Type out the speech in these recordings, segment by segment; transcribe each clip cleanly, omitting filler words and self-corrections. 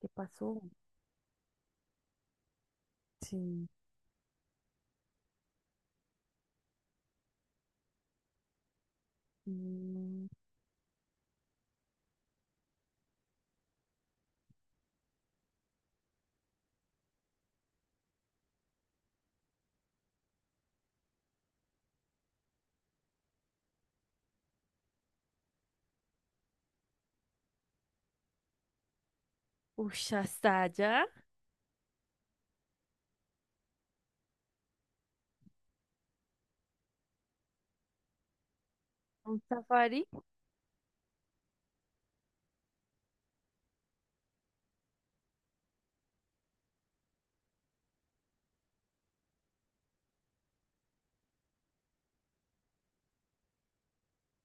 ¿Qué pasó? Sí. Mm. Ush, hasta allá. Un safari.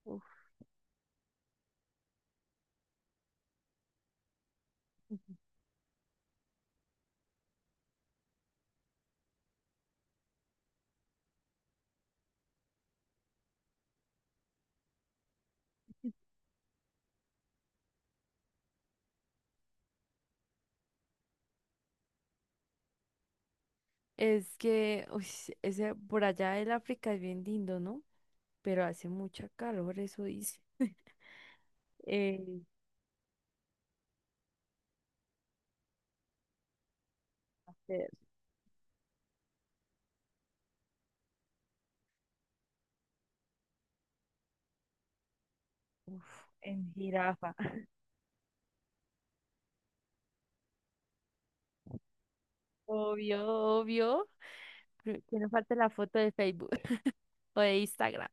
Uf. Es que, ush, ese, por allá el África es bien lindo, ¿no? Pero hace mucha calor, eso dice. Eh, eh, uf, en jirafa. Obvio, obvio. Que no falte la foto de Facebook o de Instagram.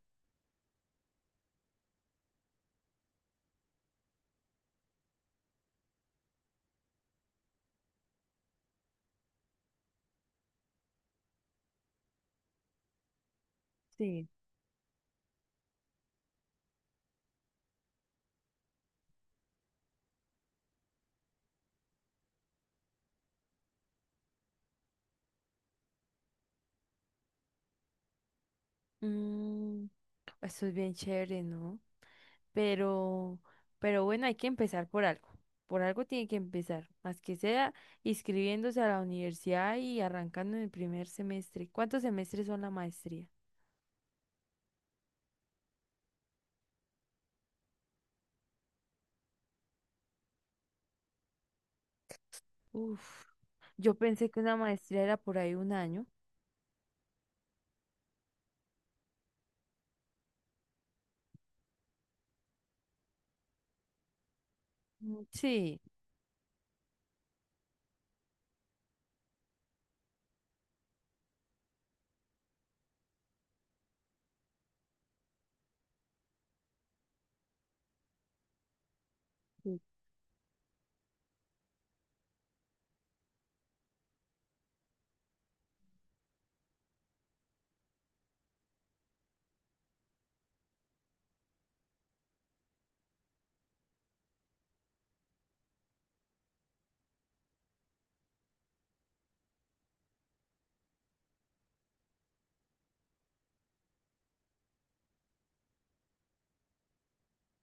Sí. Mm, eso es bien chévere, ¿no? Pero, pero bueno, hay que empezar por algo. Por algo tiene que empezar, más que sea inscribiéndose a la universidad y arrancando en el primer semestre. ¿Cuántos semestres son la maestría? Uf, yo pensé que una maestría era por ahí un año. Mm. Sí, sí.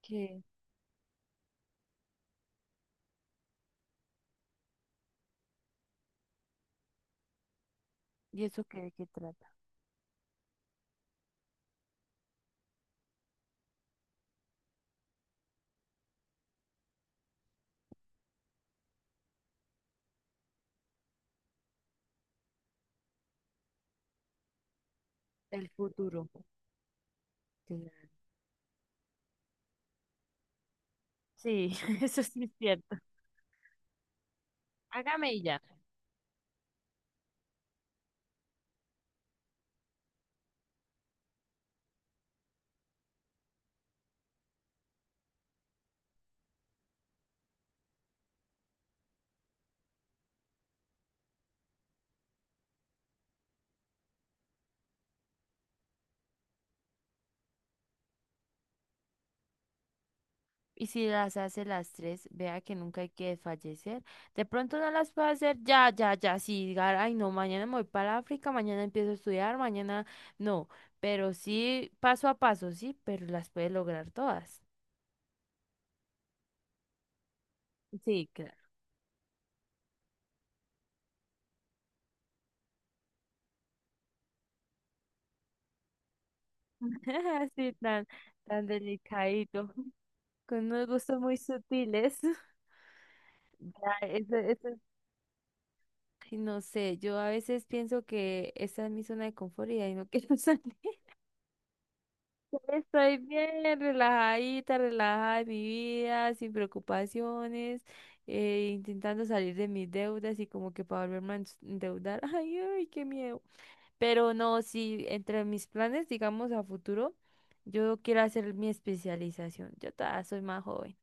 ¿Qué? ¿Y eso qué, de qué trata? El futuro. Claro. Sí, eso sí es cierto. Hágame y ya. Y si las hace las tres, vea que nunca hay que desfallecer. De pronto no las puede hacer ya, ya, ya. Si diga, ay, no, mañana me voy para África, mañana empiezo a estudiar, mañana no. Pero sí, paso a paso, sí, pero las puede lograr todas. Sí, claro. Así tan, tan delicadito, con unos gustos muy sutiles. Ya, ay, no sé, yo a veces pienso que esa es mi zona de confort y ahí no quiero salir. Estoy bien, relajadita, relajada de mi vida, sin preocupaciones, intentando salir de mis deudas y como que para volverme a endeudar. Ay, ay, qué miedo. Pero no, sí, entre mis planes, digamos, a futuro, yo quiero hacer mi especialización. Yo todavía soy más joven.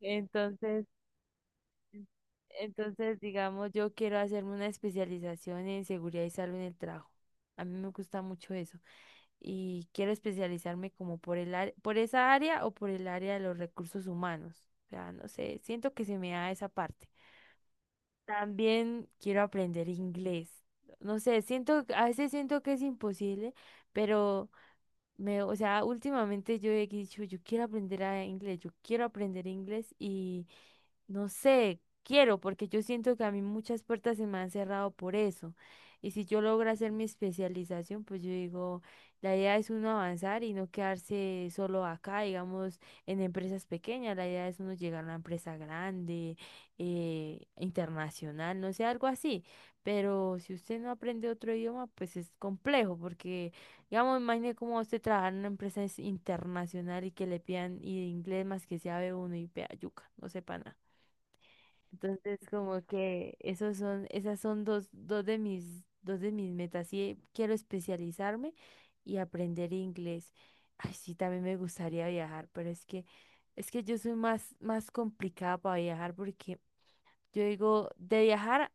Entonces, entonces, digamos, yo quiero hacerme una especialización en seguridad y salud en el trabajo. A mí me gusta mucho eso. Y quiero especializarme como por esa área o por el área de los recursos humanos. O sea, no sé, siento que se me da esa parte. También quiero aprender inglés. No sé, a veces siento que es imposible, pero o sea, últimamente yo he dicho, yo quiero aprender a inglés, yo quiero aprender inglés y no sé, quiero, porque yo siento que a mí muchas puertas se me han cerrado por eso. Y si yo logro hacer mi especialización, pues yo digo, la idea es uno avanzar y no quedarse solo acá, digamos, en empresas pequeñas, la idea es uno llegar a una empresa grande, internacional, no sé, algo así. Pero si usted no aprende otro idioma, pues es complejo, porque, digamos, imagine cómo usted trabajar en una empresa es internacional y que le pidan y inglés más que sea b uno y pea yuca, no sepa nada. Entonces, como que esas son dos de mis metas. Sí, quiero especializarme y aprender inglés. Ay, sí, también me gustaría viajar, pero es que yo soy más complicada para viajar porque yo digo, de viajar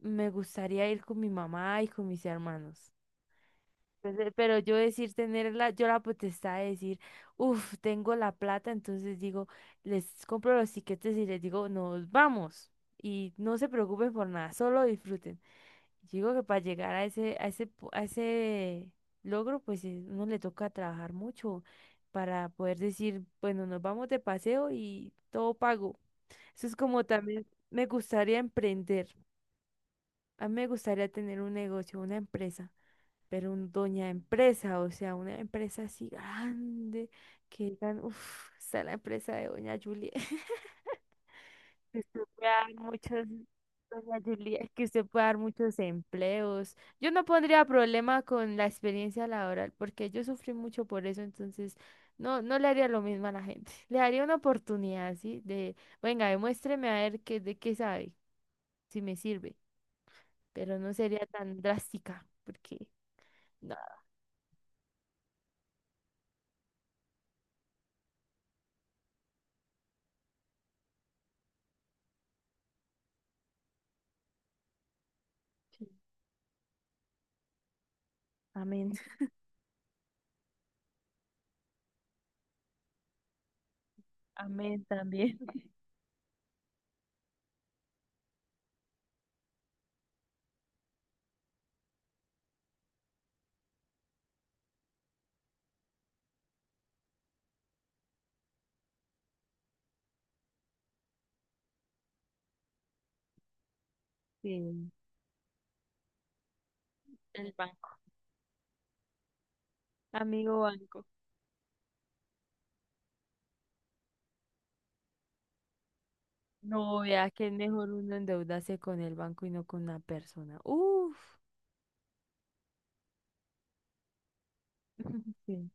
me gustaría ir con mi mamá y con mis hermanos. Pues, pero yo decir tener la, yo la potestad de decir, uff, tengo la plata, entonces digo, les compro los tiquetes y les digo, nos vamos. Y no se preocupen por nada, solo disfruten. Digo que para llegar a ese, a ese logro, pues uno le toca trabajar mucho para poder decir, bueno, nos vamos de paseo y todo pago. Eso es como también me gustaría emprender. A mí me gustaría tener un negocio, una empresa, pero un doña empresa, o sea, una empresa así grande, que digan, uff, está la empresa de doña Julia, que usted pueda dar muchos, doña Julia, que usted pueda dar muchos empleos. Yo no pondría problema con la experiencia laboral, porque yo sufrí mucho por eso, entonces no, no le haría lo mismo a la gente. Le daría una oportunidad, ¿sí? De, venga, demuéstreme a ver qué, de qué sabe, si me sirve, pero no sería tan drástica, porque... No, sí. Amén. Amén también. Sí. El banco. Amigo banco. No, vea que es mejor uno endeudarse con el banco y no con una persona. Uf. Sí,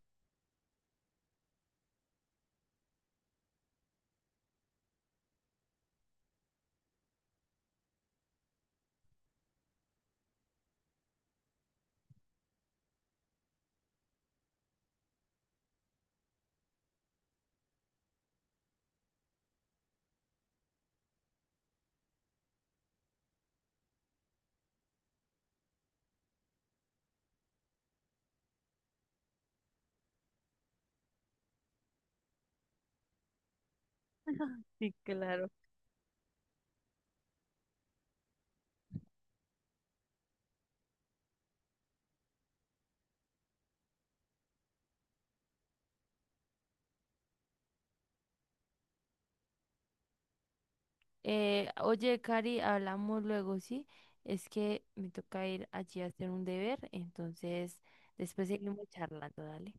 sí, claro. Oye, Cari, hablamos luego, ¿sí? Es que me toca ir allí a hacer un deber, entonces después seguimos charlando, dale.